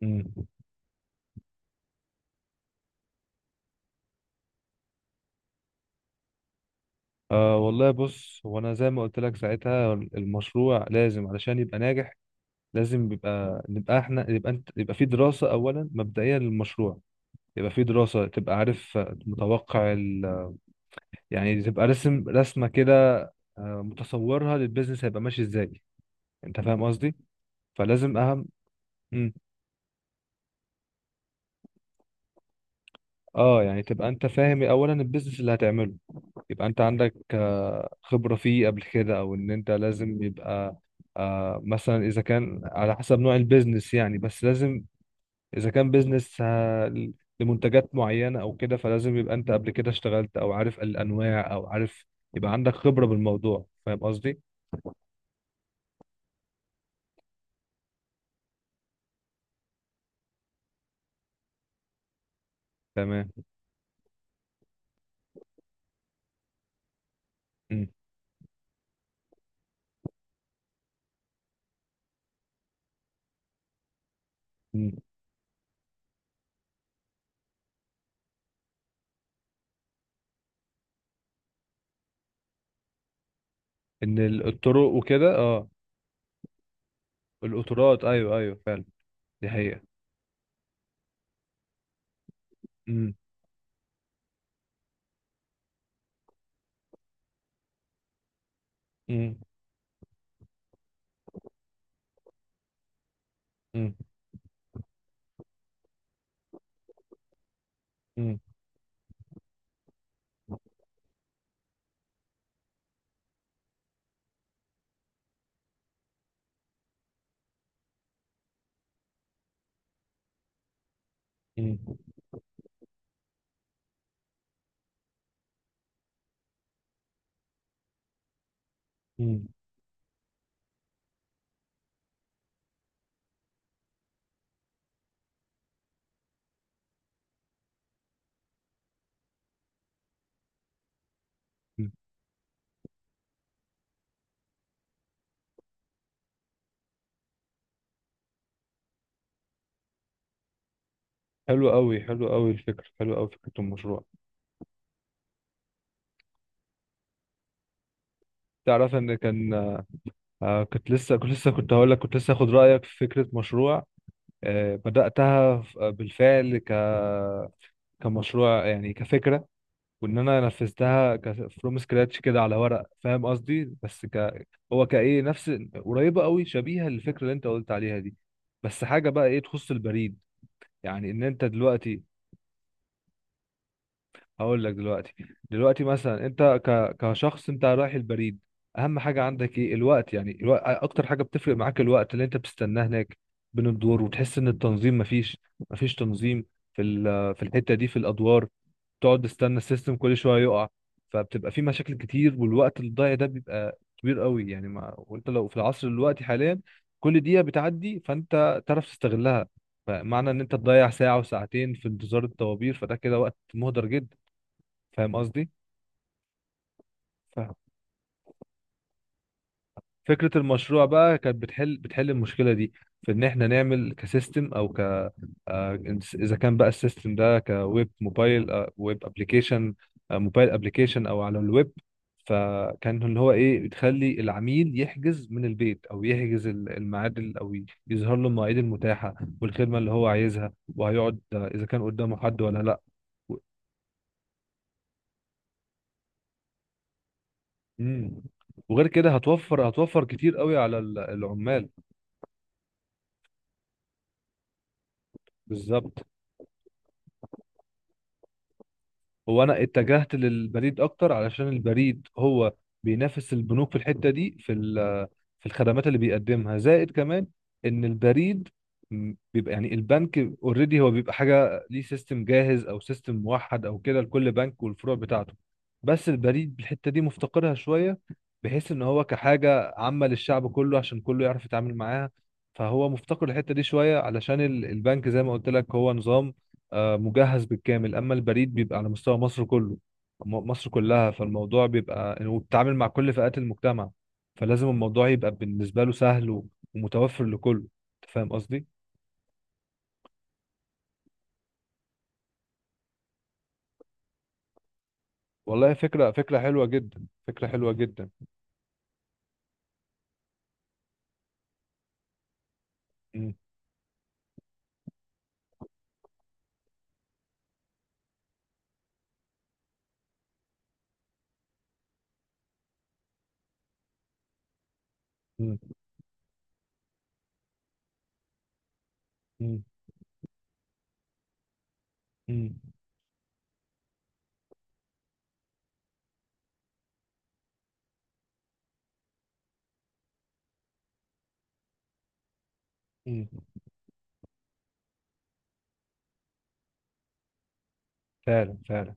مم. آه، والله، بص هو انا زي ما قلت لك ساعتها المشروع لازم علشان يبقى ناجح، لازم بيبقى نبقى احنا يبقى انت يبقى في دراسة اولا مبدئية للمشروع، يبقى في دراسة تبقى عارف متوقع يعني تبقى رسم رسمة كده، متصورها للبيزنس هيبقى ماشي ازاي. انت فاهم قصدي؟ فلازم اهم. مم. اه، يعني تبقى انت فاهم اولا البيزنس اللي هتعمله، يبقى انت عندك خبرة فيه قبل كده او ان انت لازم يبقى مثلا اذا كان على حسب نوع البيزنس يعني، بس لازم اذا كان بيزنس لمنتجات معينة او كده فلازم يبقى انت قبل كده اشتغلت او عارف الانواع او عارف، يبقى عندك خبرة بالموضوع. فاهم قصدي؟ تمام. م- م. ان الطرق وكده، اه. القطارات، ايوه ايوه فعلا. دي حقيقة. م- م- م- م- م- م- م. حلو قوي، حلو قوي الفكرة، حلو قوي فكرة المشروع. تعرف ان كان كنت هقول لك كنت لسه اخد رايك في فكره مشروع بداتها بالفعل كمشروع، يعني كفكره، وان انا نفذتها فروم سكراتش كده على ورق. فاهم قصدي؟ بس هو كايه نفس، قريبه قوي، شبيهه للفكره اللي انت قلت عليها دي. بس حاجه بقى ايه تخص البريد، يعني ان انت دلوقتي. هقول لك: دلوقتي، دلوقتي مثلا انت كشخص انت رايح البريد، اهم حاجه عندك ايه؟ الوقت. يعني الوقت اكتر حاجه بتفرق معاك، الوقت اللي انت بتستناه هناك بين الدور، وتحس ان التنظيم مفيش، مفيش تنظيم في الحته دي، في الادوار. تقعد تستنى السيستم كل شويه يقع، فبتبقى في مشاكل كتير، والوقت الضايع ده بيبقى كبير قوي. يعني ما... وانت لو في العصر دلوقتي حاليا، كل دقيقه بتعدي فانت تعرف تستغلها. فمعنى ان انت تضيع ساعه وساعتين في انتظار الطوابير فده كده وقت مهدر جدا. فاهم قصدي؟ ف- فكرة المشروع بقى كانت بتحل المشكلة دي في ان احنا نعمل كسيستم او اذا كان بقى السيستم ده كويب موبايل، ويب ابلكيشن، موبايل ابلكيشن او على الويب، فكان اللي هو ايه بتخلي العميل يحجز من البيت، او يحجز الميعاد او يظهر له المواعيد المتاحة والخدمة اللي هو عايزها، وهيقعد اذا كان قدامه حد ولا لا. و- مم. وغير كده هتوفر كتير قوي على العمال. بالظبط. هو انا اتجهت للبريد اكتر علشان البريد هو بينافس البنوك في الحته دي في الخدمات اللي بيقدمها، زائد كمان ان البريد بيبقى، يعني البنك اوريدي هو بيبقى حاجه ليه سيستم جاهز او سيستم موحد او كده لكل بنك والفروع بتاعته، بس البريد الحته دي مفتقرها شويه، بحيث ان هو كحاجه عامه للشعب كله، عشان كله يعرف يتعامل معاها. فهو مفتقر الحته دي شويه، علشان البنك زي ما قلت لك هو نظام مجهز بالكامل، اما البريد بيبقى على مستوى مصر كله، مصر كلها، فالموضوع بيبقى وبتتعامل مع كل فئات المجتمع، فلازم الموضوع يبقى بالنسبة له سهل ومتوفر لكله. انت فاهم قصدي؟ والله، فكرة، فكرة حلوة جدا، فكرة حلوة جدا. مم. مم. مم. مم. مم. فعلا، فعلا.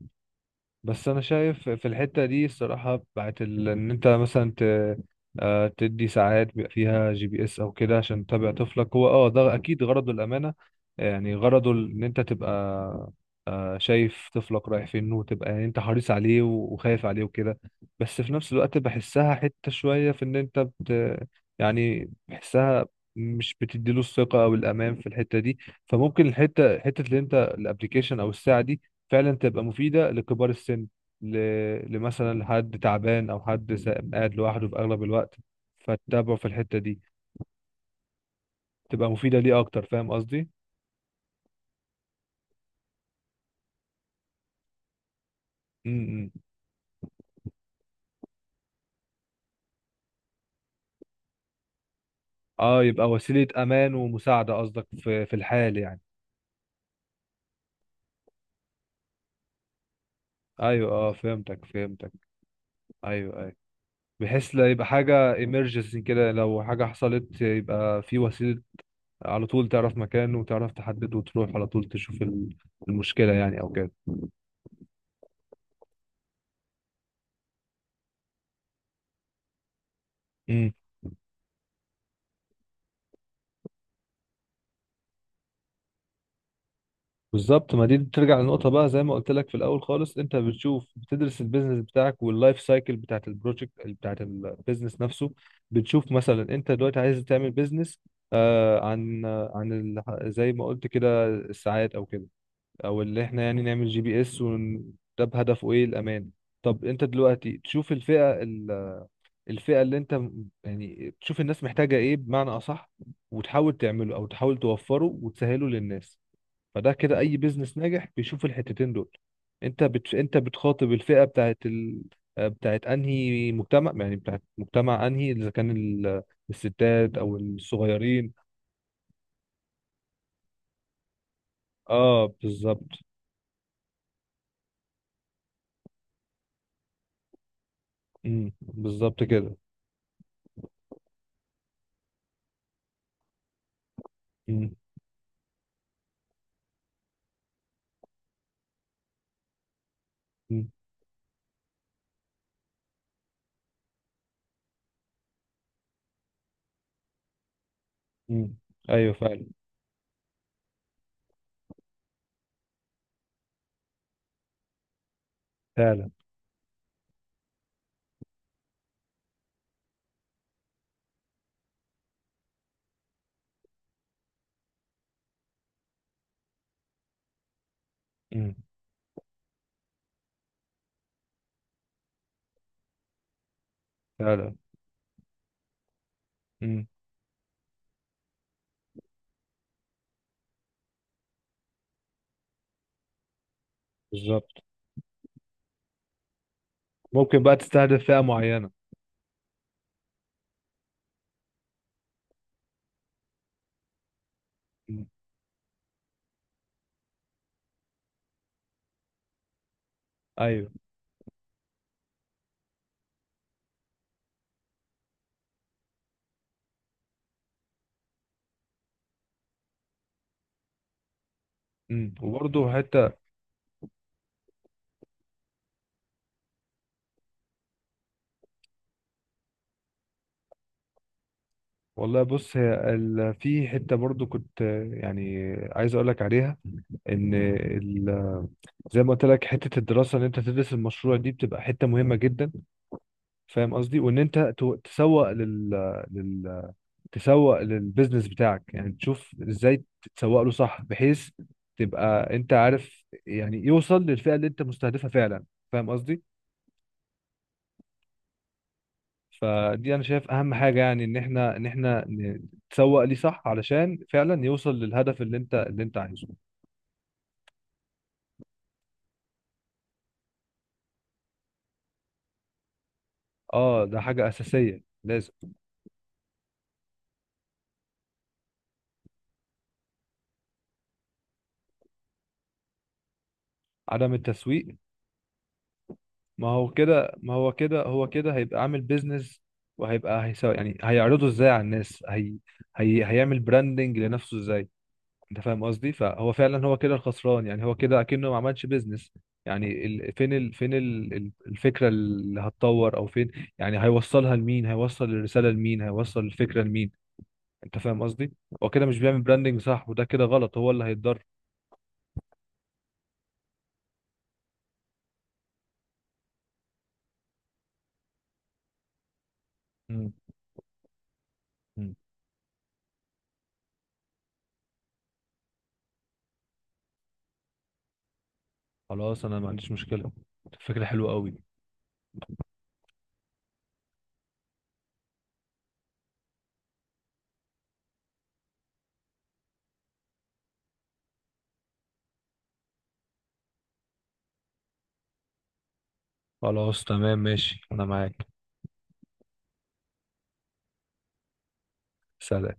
بس انا شايف في الحته دي الصراحه، بتاعت ان انت مثلا تدي ساعات بيبقى فيها GPS او كده عشان تتابع طفلك، هو ده اكيد غرضه الامانه، يعني غرضه ان انت تبقى شايف طفلك رايح فين، وتبقى يعني انت حريص عليه وخايف عليه وكده. بس في نفس الوقت بحسها حته شويه في ان انت يعني بحسها مش بتديله الثقه او الامان في الحته دي. فممكن حته اللي انت الابلكيشن او الساعه دي فعلا تبقى مفيدة لكبار السن، ل... لمثلا لحد تعبان، أو حد قاعد لوحده في أغلب الوقت، فتتابعه في الحتة دي، تبقى مفيدة ليه أكتر. فاهم قصدي؟ امم. اه، يبقى وسيلة أمان ومساعدة قصدك في الحال يعني. أيوه، اه، فهمتك فهمتك. أيوه أيوه. بحيث لا يبقى حاجة emergency كده، لو حاجة حصلت يبقى في وسيلة على طول تعرف مكانه وتعرف تحدده، وتروح على طول تشوف المشكلة يعني أو كده. بالظبط. ما دي بترجع لنقطة بقى زي ما قلت لك في الأول خالص، أنت بتشوف، بتدرس البيزنس بتاعك واللايف سايكل بتاعت البروجكت بتاعت البيزنس نفسه. بتشوف مثلا أنت دلوقتي عايز تعمل بيزنس زي ما قلت كده الساعات أو كده، أو اللي إحنا يعني نعمل GPS ده بهدفه إيه؟ الأمان. طب أنت دلوقتي تشوف الفئة، الفئة اللي أنت يعني تشوف الناس محتاجة إيه بمعنى أصح، وتحاول تعمله أو تحاول توفره وتسهله للناس. فده كده اي بيزنس ناجح بيشوف الحتتين دول. انت بتخاطب الفئه بتاعت بتاعت انهي مجتمع، يعني بتاعت مجتمع انهي، اذا كان الستات او الصغيرين. اه، بالظبط. بالظبط كده. امم. امم. امم. ايوه، فعلا، فعلا. امم. فعلا. امم. بالظبط. ممكن بقى تستهدف فئه معينه. امم. ايوه. وبرضه حته. والله، بص، هي في حته برضه كنت، يعني عايز اقول لك عليها، ان زي ما قلت لك حته الدراسه، ان انت تدرس المشروع دي بتبقى حته مهمه جدا. فاهم قصدي؟ وان انت لل... تسوق للبيزنس بتاعك يعني، تشوف ازاي تسوق له صح بحيث تبقى انت عارف يعني يوصل للفئه اللي انت مستهدفها فعلا. فاهم قصدي؟ فدي انا شايف اهم حاجه، يعني ان احنا تسوق ليه صح علشان فعلا يوصل للهدف اللي انت اللي انت عايزه. اه، ده حاجه اساسيه لازم. عدم التسويق؟ ما هو كده، ما هو كده، هو كده هيبقى عامل بيزنس، وهيبقى هيسو، يعني هيعرضه ازاي على الناس، هي هيعمل براندنج لنفسه ازاي؟ انت فاهم قصدي؟ فهو فعلا هو كده الخسران، يعني هو كده اكنه ما عملش بيزنس. يعني فين الفكرة اللي هتطور، او فين يعني هيوصلها لمين؟ هيوصل الرسالة لمين؟ هيوصل الفكرة لمين؟ انت فاهم قصدي؟ هو كده مش بيعمل براندنج صح، وده كده غلط، هو اللي هيتضر. مم. مم. خلاص، انا ما عنديش مشكلة، فكرة حلوة قوي. خلاص، تمام، ماشي، انا معاك. سلام.